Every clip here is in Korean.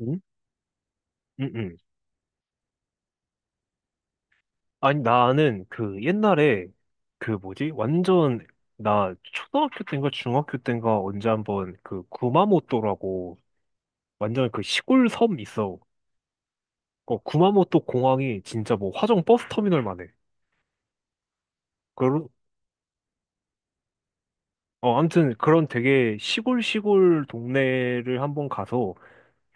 응? 응, 응. 아니, 나는 그 옛날에 그 뭐지? 완전 나 초등학교 때인가 중학교 때인가 언제 한번 그 구마모토라고 완전 그 시골 섬 있어. 어, 구마모토 공항이 진짜 뭐 화정 버스 터미널만 해. 그런, 어, 아무튼 그런 되게 시골 시골 동네를 한번 가서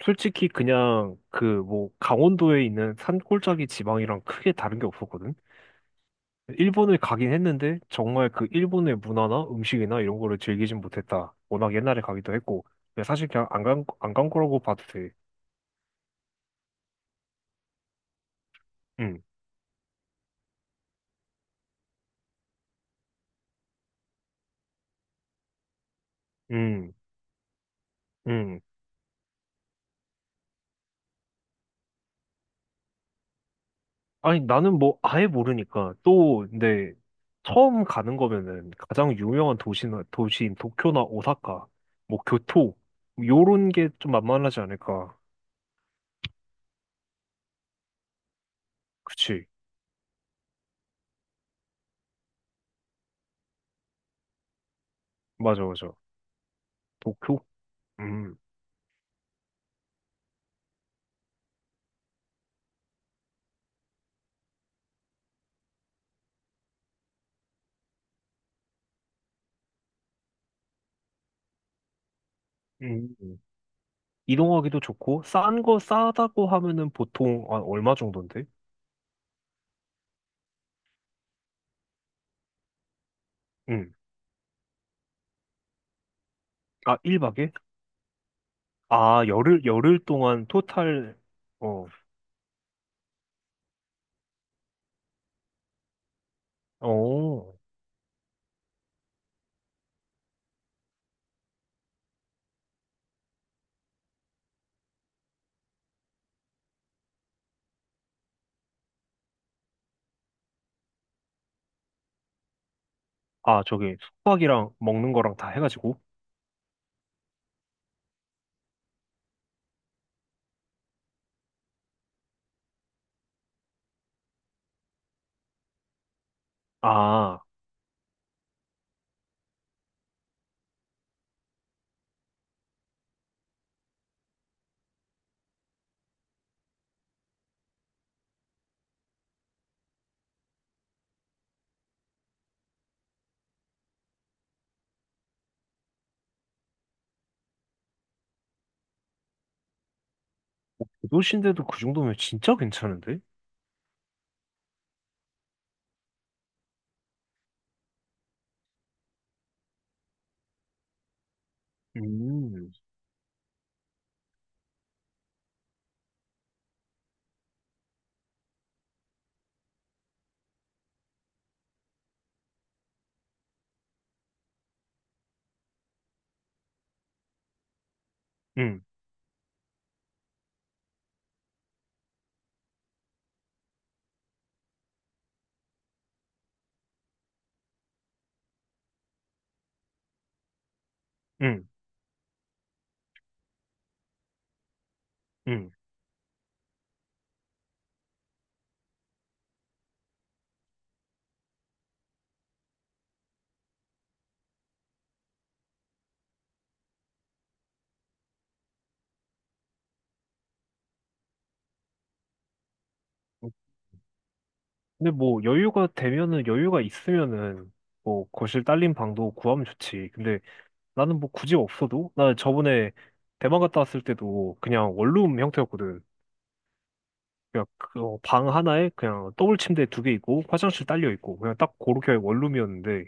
솔직히 그냥 그 뭐 강원도에 있는 산골짜기 지방이랑 크게 다른 게 없었거든? 일본을 가긴 했는데 정말 그 일본의 문화나 음식이나 이런 거를 즐기진 못했다. 워낙 옛날에 가기도 했고 근데 사실 그냥 안 간, 안간 거라고 봐도 돼. 음, 음, 음. 아니 나는 뭐 아예 모르니까 또 근데 처음 가는 거면은 가장 유명한 도시나 도시인 도쿄나 오사카, 뭐 교토 요런 게 좀 만만하지 않을까. 그치? 맞아 맞아. 도쿄? 음, 음. 이동하기도 좋고 싼 거 싸다고 하면은 보통 한 얼마 정도인데? 응. 아, 1박에? 아, 열흘, 열흘 동안 토탈, 어, 어. 아, 저기, 숙박이랑 먹는 거랑 다 해가지고. 아, 그 도시인데도 그 정도면 진짜 괜찮은데? 음. 응, 응, 응. 근데 뭐, 여유가 되면은, 여유가 있으면은, 뭐, 거실 딸린 방도 구하면 좋지. 근데 나는 뭐 굳이 없어도, 나 저번에 대만 갔다 왔을 때도 그냥 원룸 형태였거든. 그냥 그방 하나에 그냥 더블 침대 두 개 있고 화장실 딸려 있고 그냥 딱 그렇게 원룸이었는데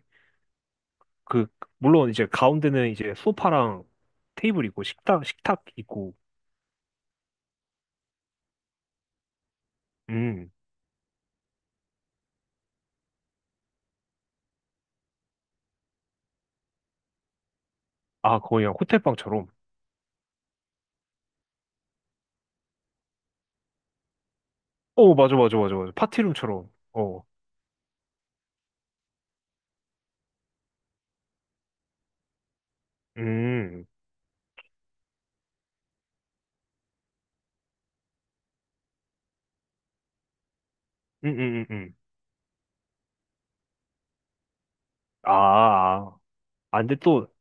그 물론 이제 가운데는 이제 소파랑 테이블 있고 식탁 있고. 음. 아, 거의 그냥 호텔 방처럼. 어, 맞아 맞아 맞아 맞아, 파티룸처럼. 어. 음. 음음음 음. 아아. 아, 근데 또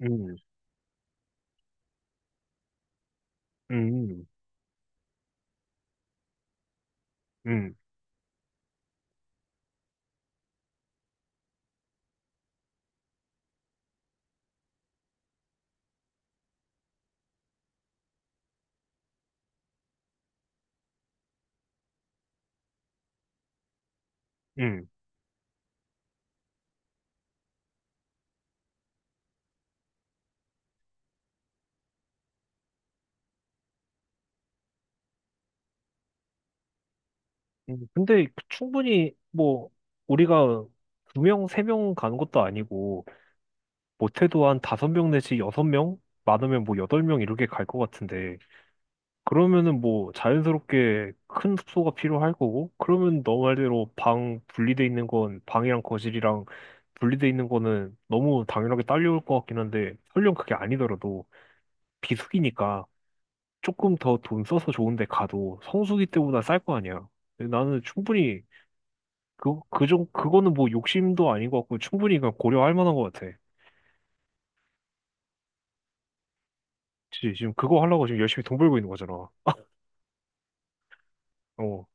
음, 음음음음. 근데 충분히 뭐 우리가 두 명 세 명 가는 것도 아니고 못해도 한 다섯 명 내지 여섯 명, 많으면 뭐 여덟 명 이렇게 갈 것 같은데, 그러면은 뭐 자연스럽게 큰 숙소가 필요할 거고, 그러면 너 말대로 방 분리돼 있는 건 방이랑 거실이랑 분리돼 있는 거는 너무 당연하게 딸려올 것 같긴 한데, 설령 그게 아니더라도 비수기니까 조금 더 돈 써서 좋은 데 가도 성수기 때보다 쌀 거 아니야. 근데 나는 충분히 그, 그정 그거는 뭐 욕심도 아닌 것 같고 충분히 그냥 고려할 만한 것 같아. 그치, 지금 그거 하려고 지금 열심히 돈 벌고 있는 거잖아. 어,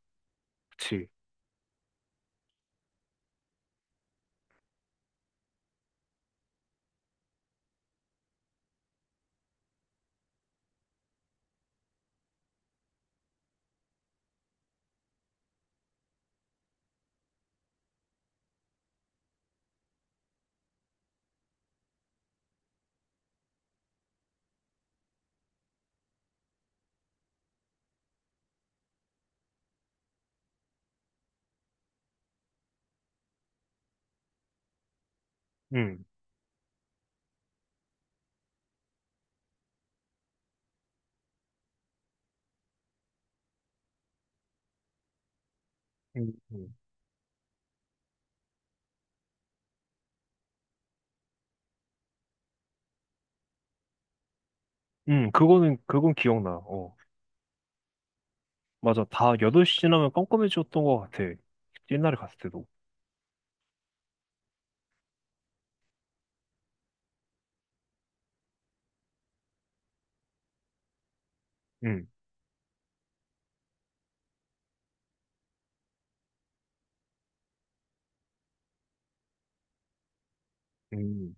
그치. 응, 응, 응. 응, 그거는, 그건 기억나. 어, 맞아. 다 8시 지나면 깜깜해졌던 것 같아. 옛날에 갔을 때도. 응, 응,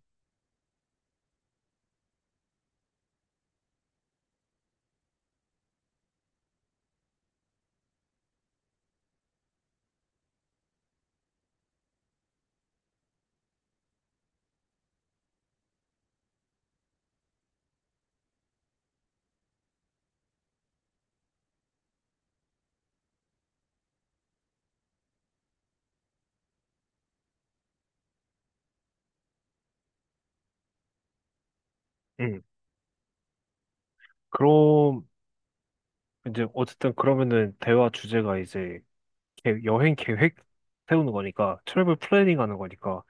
응. 그럼, 이제, 어쨌든 그러면은 대화 주제가 이제 여행 계획 세우는 거니까, 트래블 플래닝 하는 거니까,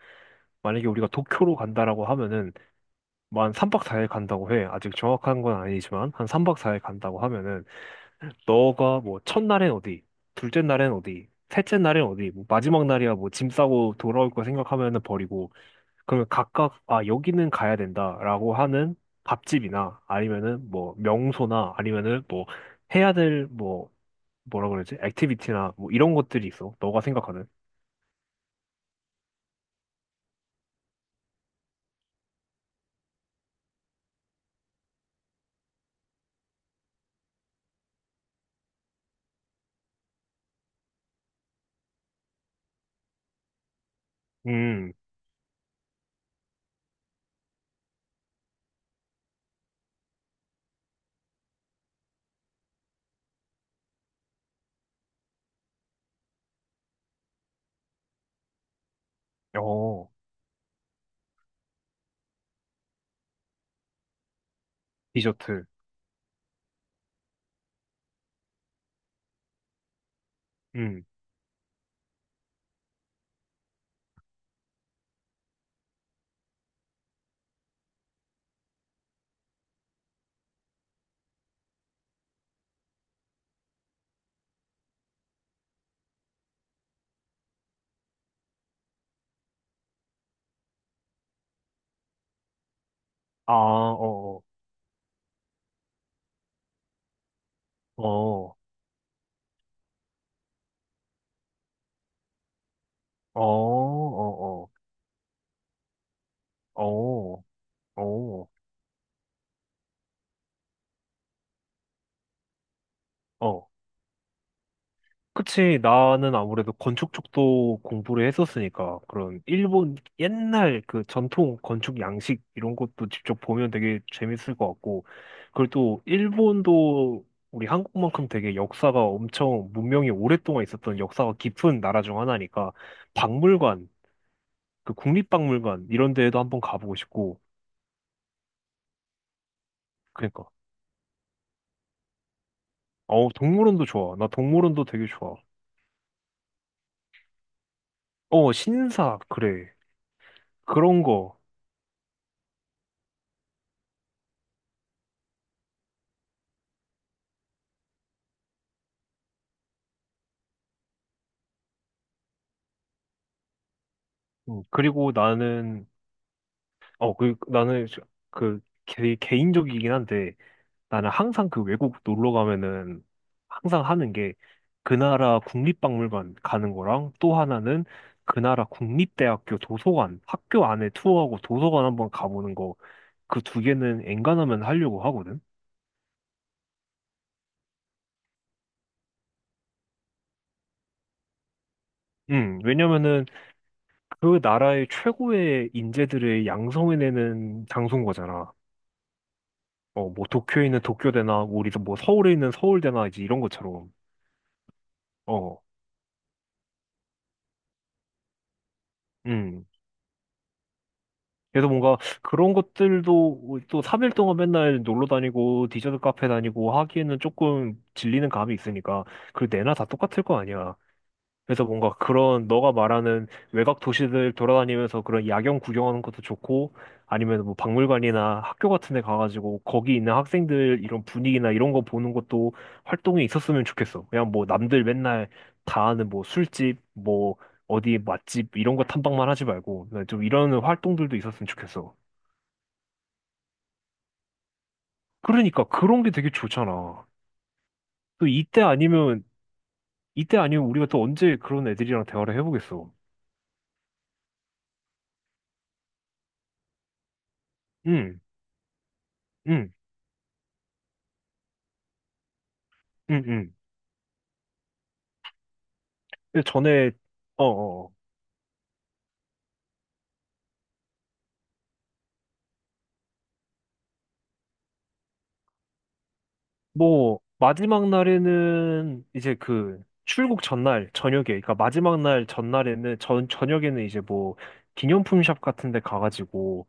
만약에 우리가 도쿄로 간다라고 하면은, 뭐 한 3박 4일 간다고 해. 아직 정확한 건 아니지만 한 3박 4일 간다고 하면은 너가 뭐 첫날엔 어디, 둘째 날엔 어디, 셋째 날엔 어디, 뭐 마지막 날이야 뭐 짐 싸고 돌아올 거 생각하면은 버리고, 그러면 각각 아 여기는 가야 된다라고 하는 밥집이나 아니면은 뭐 명소나 아니면은 뭐 해야 될 뭐 뭐라 그러지? 액티비티나 뭐 이런 것들이 있어, 너가 생각하는. 음. 어. 디저트. 음. 아, 어, 어. 어. 어, 어, 어, 어, 어, 어. 그치, 나는 아무래도 건축 쪽도 공부를 했었으니까, 그런 일본 옛날 그 전통 건축 양식 이런 것도 직접 보면 되게 재밌을 것 같고, 그리고 또 일본도 우리 한국만큼 되게 역사가 엄청 문명이 오랫동안 있었던 역사가 깊은 나라 중 하나니까, 박물관, 그 국립박물관 이런 데에도 한번 가보고 싶고. 그러니까. 어, 동물원도 좋아. 나 동물원도 되게 좋아. 어, 신사, 그래. 그런 거. 그리고 나는, 어, 그, 나는, 그, 개인적이긴 한데, 나는 항상 그 외국 놀러 가면은, 항상 하는 게, 그 나라 국립박물관 가는 거랑, 또 하나는 그 나라 국립대학교 도서관, 학교 안에 투어하고 도서관 한번 가보는 거, 그 두 개는 엔간하면 하려고 하거든? 왜냐면은, 그 나라의 최고의 인재들을 양성해내는 장소인 거잖아. 어, 뭐 도쿄에 있는 도쿄대나 우리 뭐 서울에 있는 서울대나 이제 이런 것처럼. 어, 음. 그래서 뭔가 그런 것들도 또 3일 동안 맨날 놀러 다니고 디저트 카페 다니고 하기에는 조금 질리는 감이 있으니까 그 내나 다 똑같을 거 아니야. 그래서 뭔가 그런 너가 말하는 외곽 도시들 돌아다니면서 그런 야경 구경하는 것도 좋고, 아니면 뭐 박물관이나 학교 같은 데 가가지고 거기 있는 학생들 이런 분위기나 이런 거 보는 것도 활동이 있었으면 좋겠어. 그냥 뭐 남들 맨날 다 아는 뭐 술집, 뭐 어디 맛집 이런 거 탐방만 하지 말고 네, 좀 이런 활동들도 있었으면 좋겠어. 그러니까 그런 게 되게 좋잖아. 또 이때 아니면 우리가 또 언제 그런 애들이랑 대화를 해보겠어. 응, 응, 응, 응. 근데 전에 어, 어, 어. 뭐 마지막 날에는 이제 그 출국 전날 저녁에 그러니까 마지막 날 전날에는 전 저녁에는 이제 뭐 기념품 샵 같은 데 가가지고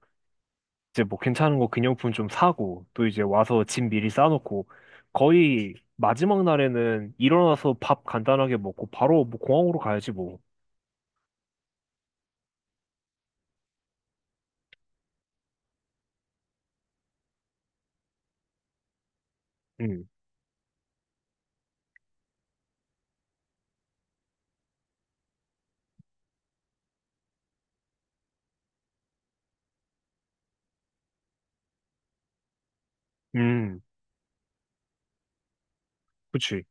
이제 뭐 괜찮은 거 기념품 좀 사고 또 이제 와서 짐 미리 싸놓고 거의 마지막 날에는 일어나서 밥 간단하게 먹고 바로 뭐 공항으로 가야지 뭐. 음, 음, 그치.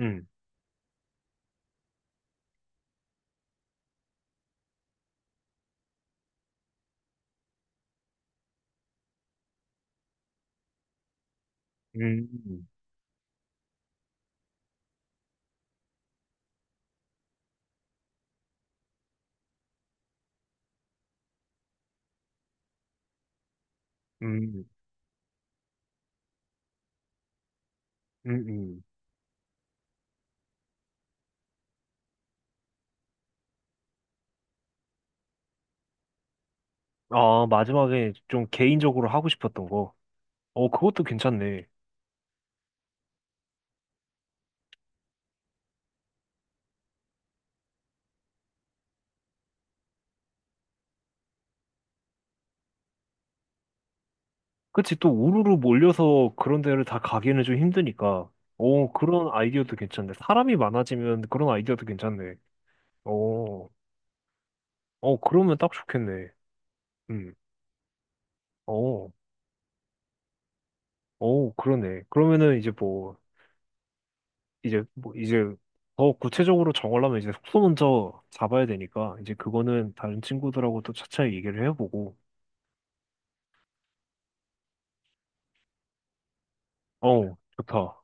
음, 음, 음, 음, 음. 아, 마지막에 좀 개인적으로 하고 싶었던 거. 어, 그것도 괜찮네. 그치, 또 우르르 몰려서 그런 데를 다 가기에는 좀 힘드니까. 어, 그런 아이디어도 괜찮네. 사람이 많아지면 그런 아이디어도 괜찮네. 어, 어, 그러면 딱 좋겠네. 음, 어, 어, 그러네. 그러면은 이제 더 구체적으로 정하려면 이제 숙소 먼저 잡아야 되니까, 이제 그거는 다른 친구들하고 또 차차 얘기를 해보고. 어, 좋다.